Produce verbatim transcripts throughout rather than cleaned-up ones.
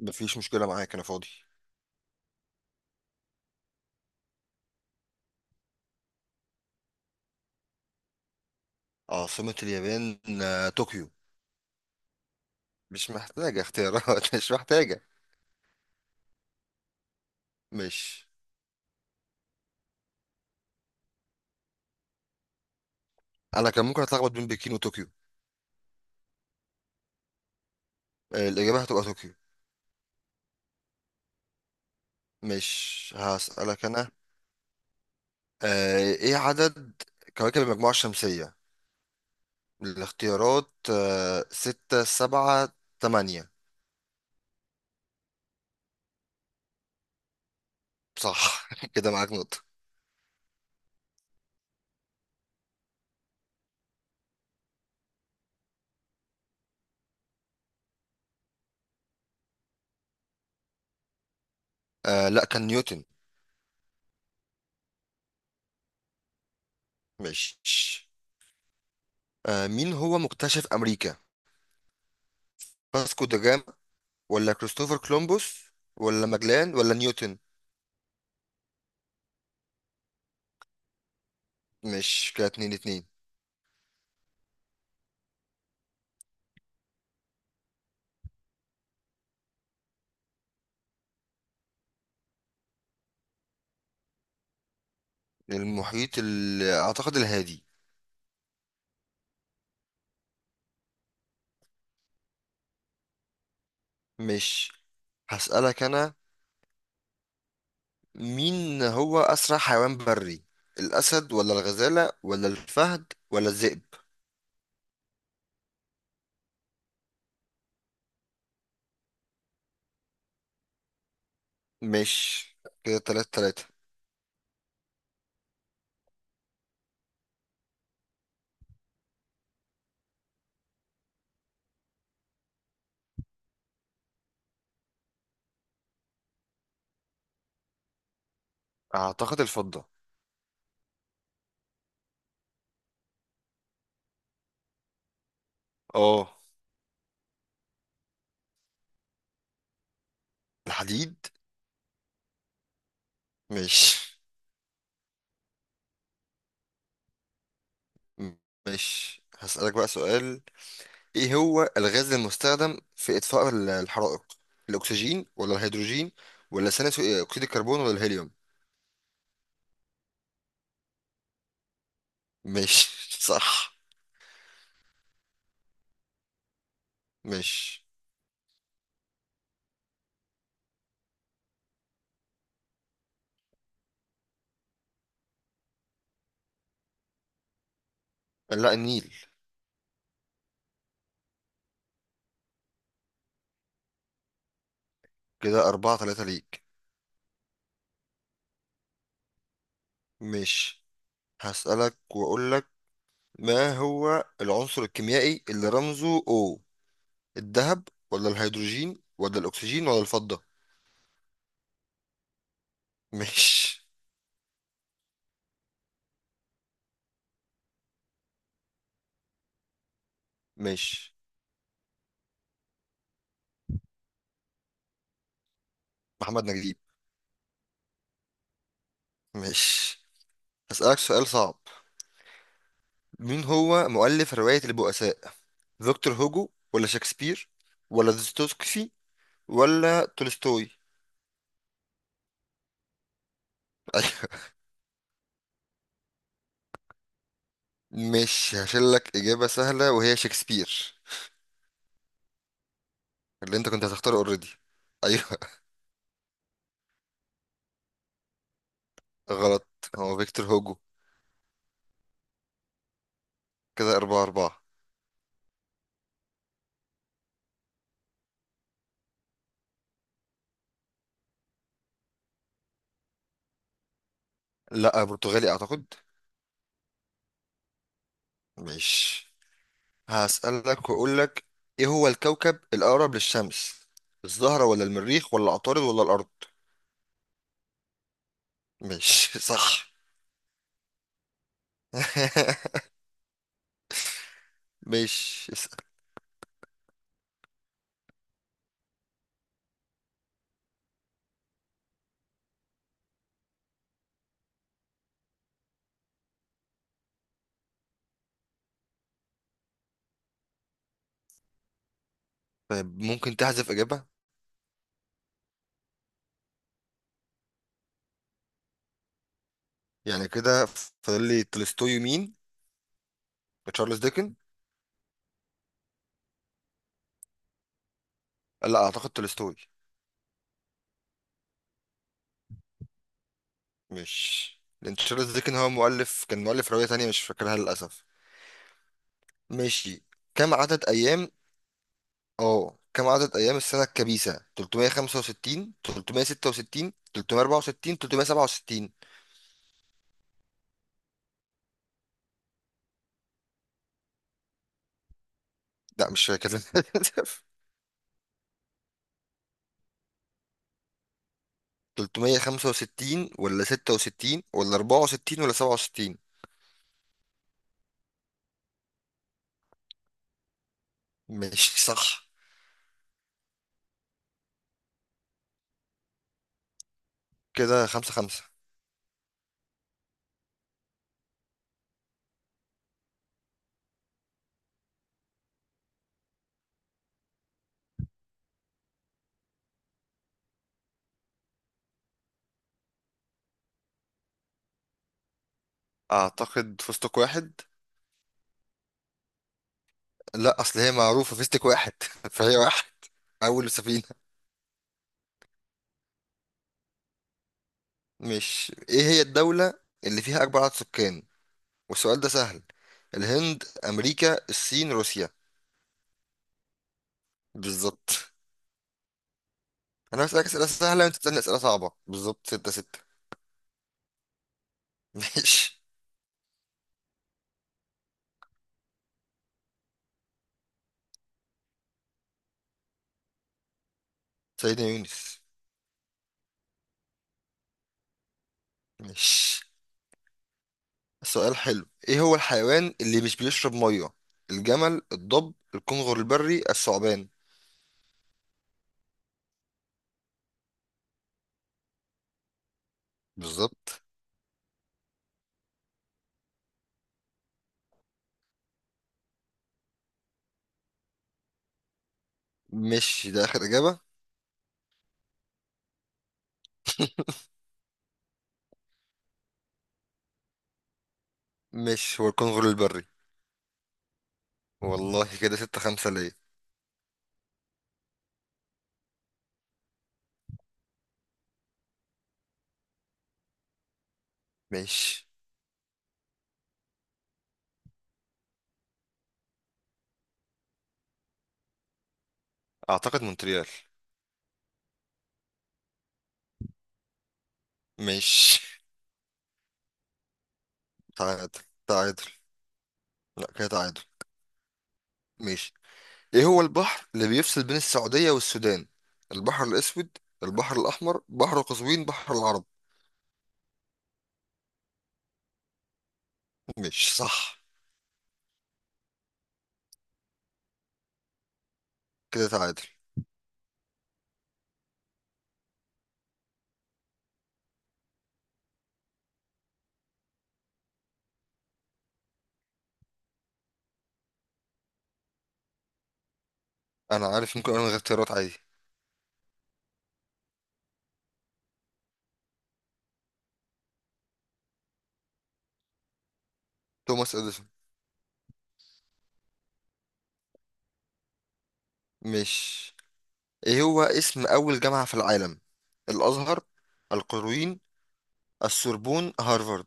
مفيش مشكلة معاك، أنا فاضي. عاصمة اليابان آه، طوكيو. مش محتاجة اختيارات مش محتاجة. مش. أنا كان ممكن أتلخبط بين بكين وطوكيو. آه، الإجابة هتبقى طوكيو. مش هسألك أنا. آه، إيه عدد كواكب المجموعة الشمسية؟ الاختيارات آه، ستة، سبعة، تمانية. صح كده معاك نقطة. آه، لأ، كان نيوتن. مش. آه، مين هو مكتشف أمريكا؟ فاسكو دا جاما ولا كريستوفر كولومبوس ولا ماجلان ولا نيوتن؟ مش، كده اتنين اتنين. المحيط ال... اعتقد الهادي. مش. هسألك انا. مين هو اسرع حيوان بري؟ الاسد ولا الغزالة ولا الفهد ولا الذئب؟ مش، كده تلاتة تلاتة. اعتقد الفضة. اه، الحديد. مش. مش هسألك بقى سؤال. ايه هو الغاز المستخدم في اطفاء ال- الحرائق؟ الاكسجين ولا الهيدروجين ولا ثاني اكسيد الكربون ولا الهيليوم؟ مش صح. مش. لا، النيل. كده أربعة ثلاثة ليك. مش هسألك وأقولك: ما هو العنصر الكيميائي اللي رمزه O؟ الذهب ولا الهيدروجين ولا الأكسجين ولا الفضة؟ مش. مش. محمد نجيب. مش هسألك سؤال صعب. مين هو مؤلف رواية البؤساء؟ فيكتور هوجو ولا شكسبير ولا دوستويفسكي ولا تولستوي؟ أيوة. مش هشيل لك إجابة سهلة وهي شكسبير. اللي أنت كنت هتختاره أوريدي. أيوة. غلط، هو فيكتور هوجو. كده أربعة أربعة. لا، برتغالي أعتقد. ماشي، هسألك وأقول لك: إيه هو الكوكب الأقرب للشمس؟ الزهرة ولا المريخ ولا عطارد ولا الأرض؟ ماشي صح. ماشي، اسأل. طيب، ممكن تحذف إجابة؟ يعني كده فاضل لي تولستوي، مين؟ تشارلز ديكن. لا، أعتقد تولستوي. مش. لأن تشارلز ديكن هو مؤلف، كان مؤلف رواية تانية مش فاكرها للأسف. ماشي. كم عدد أيام؟ اه، كم عدد ايام السنه الكبيسه؟ تلتمية خمسة وستين، تلتمية ستة وستين، تلتمية أربعة وستين، تلتمية سبعة وستين؟ لا، مش فاكر للأسف. تلتمية خمسة وستين ولا ستة وستين ولا أربعة وستين ولا سبعة وستين؟ ماشي، صح. كده خمسة خمسة. اعتقد فستق واحد. لا، اصل هي معروفة، فيستك واحد فهي واحد، اول سفينة. مش. ايه هي الدولة اللي فيها اكبر عدد سكان؟ والسؤال ده سهل. الهند، امريكا، الصين، روسيا؟ بالظبط. انا بسألك اسئله سهله وانت بتسالني اسئله صعبه. بالظبط، ستة ستة. ماشي. سيدنا يونس. ماشي. سؤال حلو: ايه هو الحيوان اللي مش بيشرب ميه؟ الجمل، الضب، الكنغر البري، الثعبان؟ بالظبط. مش ده اخر اجابه؟ مش، هو الكنغر البري. والله، كده ستة خمسة ليا. مش. اعتقد مونتريال. مش. تعادل. تعادل. لا، كده تعادل. مش. ايه هو البحر اللي بيفصل بين السعودية والسودان؟ البحر الاسود، البحر الاحمر، بحر قزوين، بحر العرب؟ مش صح. كده تعادل. انا عارف، ممكن انا من غير اختيارات عادي. توماس اديسون. مش. ايه هو اسم اول جامعة في العالم؟ الازهر، القرويين، السوربون، هارفارد؟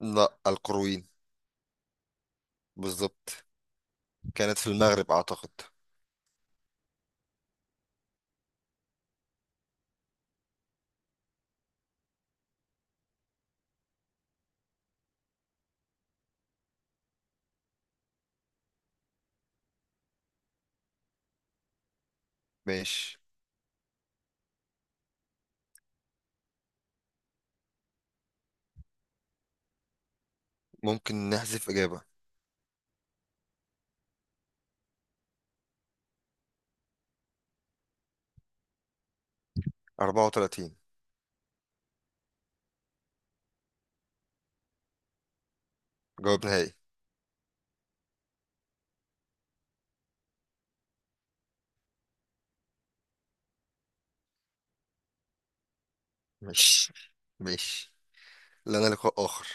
لا، القرويين. بالظبط. كانت في المغرب اعتقد. ماشي، ممكن نحذف اجابة. أربعة وتلاتين جواب نهائي. مش. مش. لنا لقاء اخر.